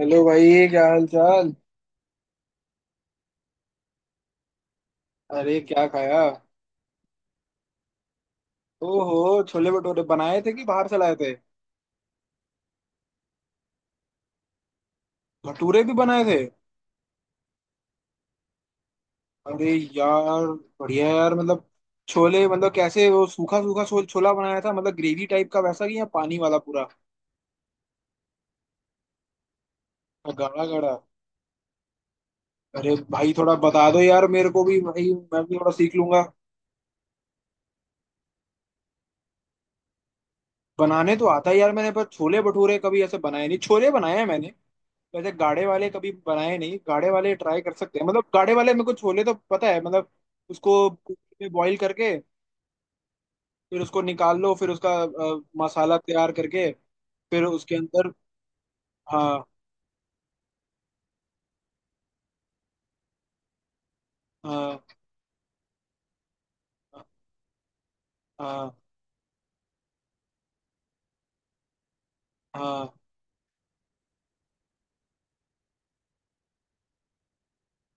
Hello भाई, क्या हाल चाल। अरे क्या खाया? ओहो, छोले भटूरे बनाए थे कि बाहर से लाए थे? भटूरे भी बनाए थे? अरे यार, बढ़िया यार। मतलब छोले मतलब कैसे, वो सूखा सूखा छोला बनाया था, मतलब ग्रेवी टाइप का वैसा कि या पानी वाला पूरा। गाढ़ा गाढ़ा? अरे भाई थोड़ा बता दो यार, मेरे को भी भाई। मैं भी थोड़ा सीख लूंगा। बनाने तो आता है यार मैंने, पर छोले भटूरे कभी ऐसे बनाए नहीं, छोले बनाए हैं मैंने। वैसे गाढ़े वाले कभी बनाए नहीं, गाढ़े वाले ट्राई कर सकते हैं। मतलब गाढ़े वाले में कुछ छोले तो पता है मतलब। उसको कुकर में बॉईल करके, फिर उसको निकाल लो, फिर उसका मसाला तैयार करके, फिर उसके अंदर। हाँ। हाँ। हाँ। हाँ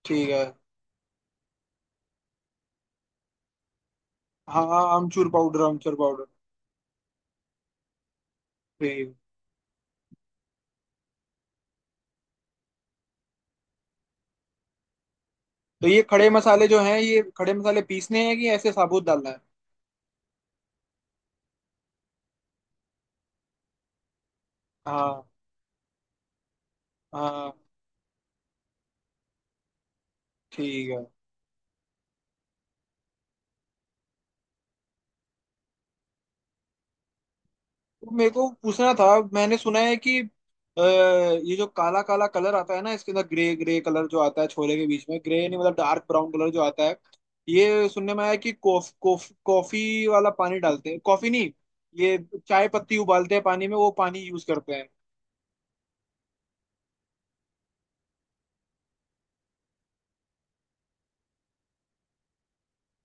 ठीक है। हाँ हाँ, आमचूर पाउडर, आमचूर पाउडर। ठीक। तो ये खड़े मसाले जो हैं, ये खड़े मसाले पीसने हैं कि ऐसे साबुत डालना है? हाँ। हाँ ठीक है। तो मेरे को पूछना था, मैंने सुना है कि ये जो काला काला कलर आता है ना इसके अंदर, ग्रे ग्रे कलर जो आता है छोले के बीच में, ग्रे नहीं मतलब डार्क ब्राउन कलर जो आता है। ये सुनने में आया कि कॉफ कॉफ कॉफी वाला पानी डालते हैं। कॉफी नहीं, ये चाय पत्ती उबालते हैं पानी में, वो पानी यूज करते हैं।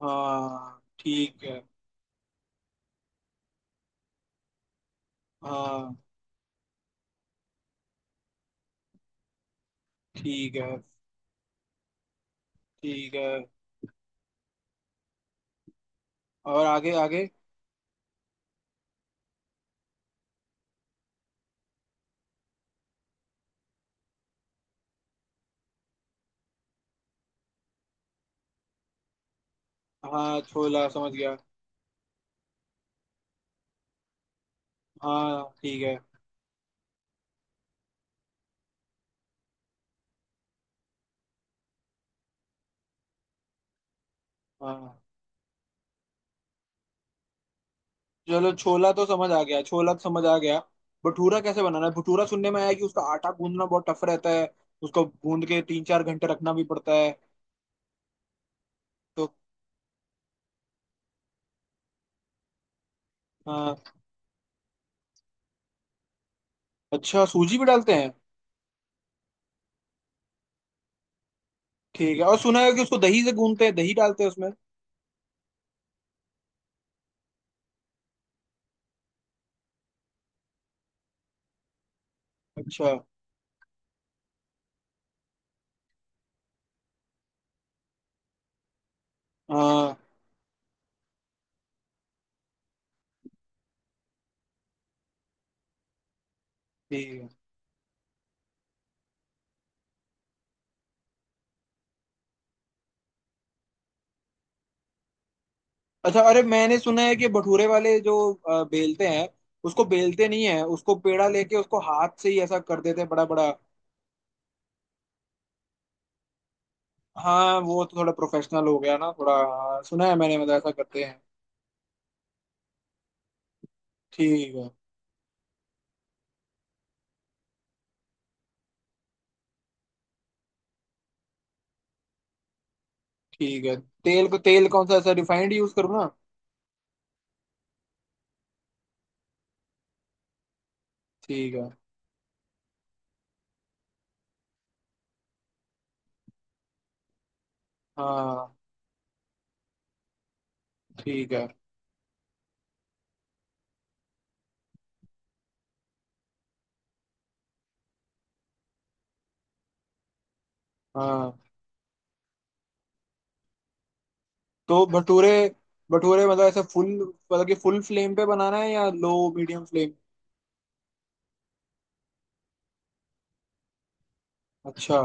हाँ ठीक है। हाँ ठीक है। ठीक है। और आगे आगे? हाँ छोला समझ गया। हाँ ठीक है। हाँ, चलो छोला तो समझ आ गया, छोला तो समझ आ गया। भटूरा कैसे बनाना है? भटूरा सुनने में आया कि उसका आटा गूंदना बहुत टफ रहता है, उसको गूंद के तीन चार घंटे रखना भी पड़ता है। तो आ, अच्छा सूजी भी डालते हैं? ठीक है, और सुना है कि उसको दही से गूंदते हैं, दही डालते हैं उसमें। अच्छा। हाँ। ठीक है। अच्छा, अरे मैंने सुना है कि भटूरे वाले जो बेलते हैं, उसको बेलते नहीं है, उसको पेड़ा लेके उसको हाथ से ही ऐसा कर देते हैं बड़ा बड़ा। हाँ वो तो थोड़ा प्रोफेशनल हो गया ना थोड़ा, हाँ, सुना है मैंने मतलब ऐसा करते हैं। ठीक है। ठीक है। तेल को, तेल कौन सा, ऐसा रिफाइंड यूज करूँ ना? ठीक है। हाँ। ठीक है। हाँ तो भटूरे, भटूरे मतलब ऐसे फुल, मतलब कि फुल फ्लेम पे बनाना है या लो मीडियम फ्लेम? अच्छा।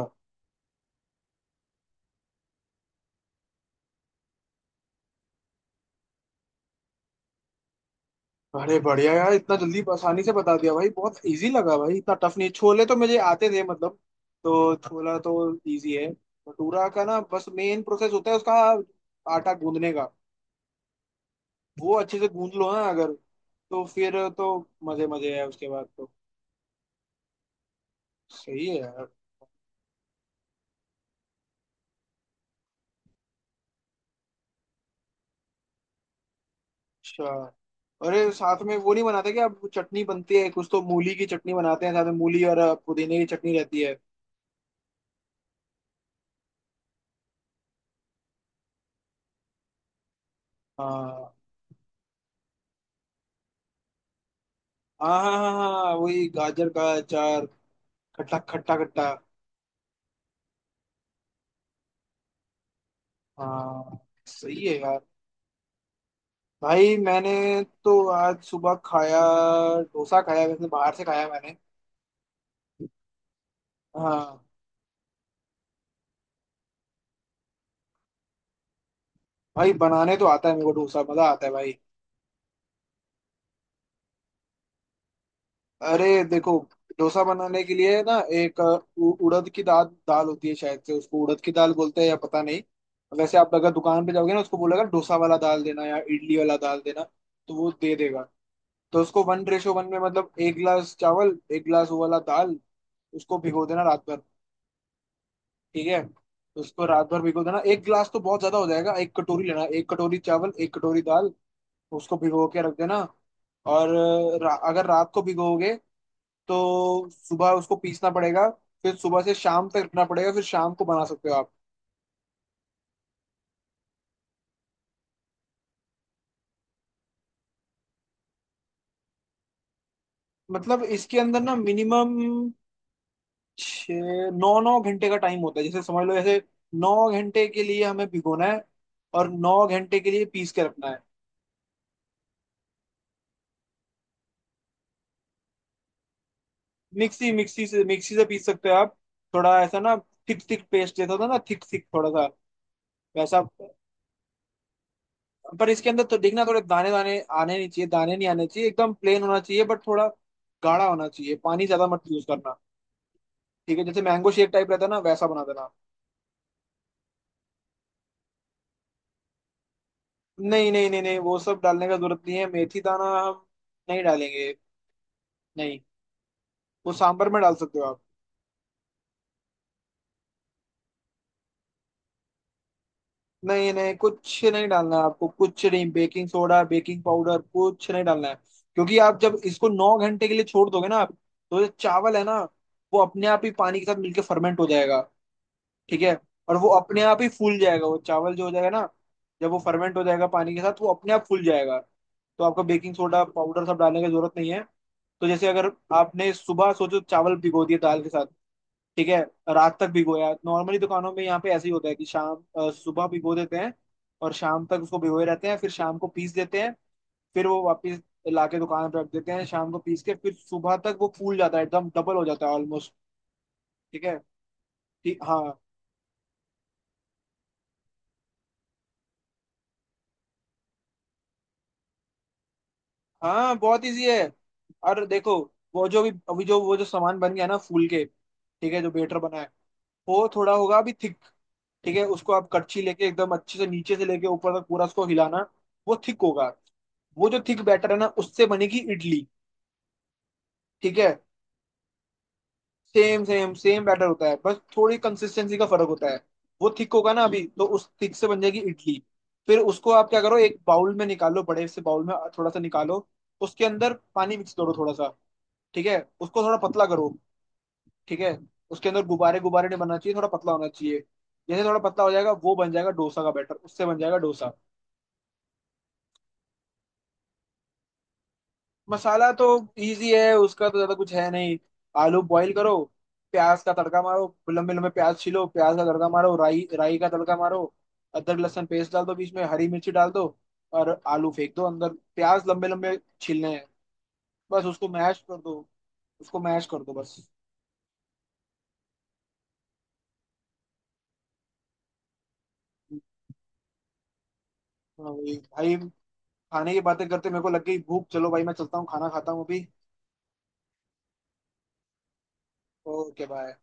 अरे बढ़िया यार, इतना जल्दी आसानी से बता दिया भाई, बहुत इजी लगा भाई, इतना टफ नहीं। छोले तो मुझे आते थे मतलब, तो छोला तो इजी है। भटूरा का ना बस मेन प्रोसेस होता है उसका, आटा गूंदने का। वो अच्छे से गूंद लो ना अगर तो फिर तो मजे मजे है उसके बाद तो। सही है यार। अच्छा, अरे साथ में वो नहीं बनाते क्या, अब चटनी बनती है कुछ तो, मूली की चटनी बनाते हैं साथ में मूली, और पुदीने की चटनी रहती है। हाँ हाँ हाँ हाँ, हाँ, वही गाजर का अचार, खट्टा खट्टा खट्टा। हाँ सही है यार। भाई मैंने, तो आज सुबह खाया, डोसा खाया, वैसे बाहर से खाया मैंने। हाँ। भाई बनाने तो आता है मेरे को डोसा, मजा आता है भाई। अरे देखो, डोसा बनाने के लिए ना एक उड़द की दाल, दाल होती है शायद से, उसको उड़द की दाल बोलते हैं या पता नहीं। वैसे आप अगर दुकान पे जाओगे ना, उसको बोलेगा डोसा वाला दाल देना या इडली वाला दाल देना, तो वो दे देगा। तो उसको वन रेशो वन में, मतलब एक गिलास चावल एक गिलास वो वाला दाल, उसको भिगो देना रात भर। ठीक है, उसको रात भर भिगो देना। एक गिलास तो बहुत ज्यादा हो जाएगा, एक कटोरी लेना, एक कटोरी चावल एक कटोरी दाल, उसको भिगो के रख देना। और अगर रात को भिगोगे तो सुबह उसको पीसना पड़ेगा। फिर सुबह से शाम तक रखना पड़ेगा, फिर शाम को बना सकते हो आप। मतलब इसके अंदर ना मिनिमम छ, नौ नौ घंटे का टाइम होता है। जैसे समझ लो, जैसे नौ घंटे के लिए हमें भिगोना है और नौ घंटे के लिए पीस के रखना है। मिक्सी मिक्सी से पीस सकते हो आप। थोड़ा ऐसा ना, थिक थिक पेस्ट जैसा होता है ना, थिक थिक थोड़ा सा, वैसा। पर इसके अंदर तो देखना, थोड़े दाने दाने आने नहीं चाहिए, दाने नहीं आने चाहिए, एकदम प्लेन होना चाहिए, बट थोड़ा गाढ़ा होना चाहिए, पानी ज्यादा मत यूज करना। ठीक है, जैसे मैंगो शेक टाइप रहता है ना, वैसा बना देना। नहीं नहीं नहीं नहीं, वो सब डालने का जरूरत नहीं है, मेथी दाना हम नहीं डालेंगे। नहीं, वो सांभर में डाल सकते हो आप। नहीं नहीं, कुछ नहीं डालना है आपको, कुछ नहीं, बेकिंग सोडा बेकिंग पाउडर कुछ नहीं डालना है। क्योंकि आप जब इसको नौ घंटे के लिए छोड़ दोगे ना आप, तो ये चावल है ना, वो अपने आप ही पानी के साथ मिलके फर्मेंट हो जाएगा। ठीक है, और वो अपने आप ही फूल जाएगा, वो चावल जो, हो जाएगा ना, जब वो फर्मेंट हो जाएगा पानी के साथ वो अपने आप फूल जाएगा। तो आपको बेकिंग सोडा पाउडर सब डालने की जरूरत नहीं है। तो जैसे अगर आपने सुबह सोचो चावल भिगो दिए दाल के साथ, ठीक है, रात तक भिगोया। नॉर्मली दुकानों में यहाँ पे ऐसे ही होता है कि शाम, सुबह भिगो देते हैं और शाम तक उसको भिगोए रहते हैं, फिर शाम को पीस देते हैं। फिर वो वापस लाके दुकान पे रख देते हैं शाम को पीस के, फिर सुबह तक वो फूल जाता है, एकदम डबल हो जाता है ऑलमोस्ट। ठीक है। ठीक हाँ। हाँ बहुत इजी है। और देखो, वो जो भी अभी जो, वो जो सामान बन गया ना फूल के, ठीक है, जो बेटर बना है, वो थोड़ा होगा अभी थिक। ठीक है, उसको आप कच्ची लेके एकदम अच्छे से नीचे से लेके ऊपर तक पूरा उसको हिलाना। वो थिक होगा। वो जो थिक बैटर है ना, उससे बनेगी इडली। ठीक है, सेम सेम सेम बैटर होता है, बस थोड़ी कंसिस्टेंसी का फर्क होता है। वो थिक होगा ना अभी, तो उस थिक से बन जाएगी इडली। फिर उसको आप क्या करो, एक बाउल में निकालो, बड़े से बाउल में थोड़ा सा निकालो, उसके अंदर पानी मिक्स करो थोड़ा सा। ठीक है, उसको थोड़ा पतला करो। ठीक है, उसके अंदर गुब्बारे गुब्बारे नहीं बनना चाहिए, थोड़ा पतला होना चाहिए। जैसे थोड़ा पतला हो जाएगा, वो बन जाएगा डोसा का बैटर, उससे बन जाएगा डोसा। मसाला तो इजी है उसका, तो ज्यादा कुछ है नहीं। आलू बॉईल करो, प्याज का तड़का मारो, लंबे लंबे प्याज छीलो, प्याज का तड़का मारो, राई राई का तड़का मारो, अदरक लहसुन पेस्ट डाल दो, बीच में हरी मिर्ची डाल दो, और आलू फेंक दो अंदर। प्याज लंबे लंबे छीलने हैं। बस उसको मैश कर दो, उसको मैश कर दो बस। हाँ, वही। भाई खाने की बातें करते मेरे को लग गई भूख। चलो भाई, मैं चलता हूँ, खाना खाता हूँ अभी। Okay bye.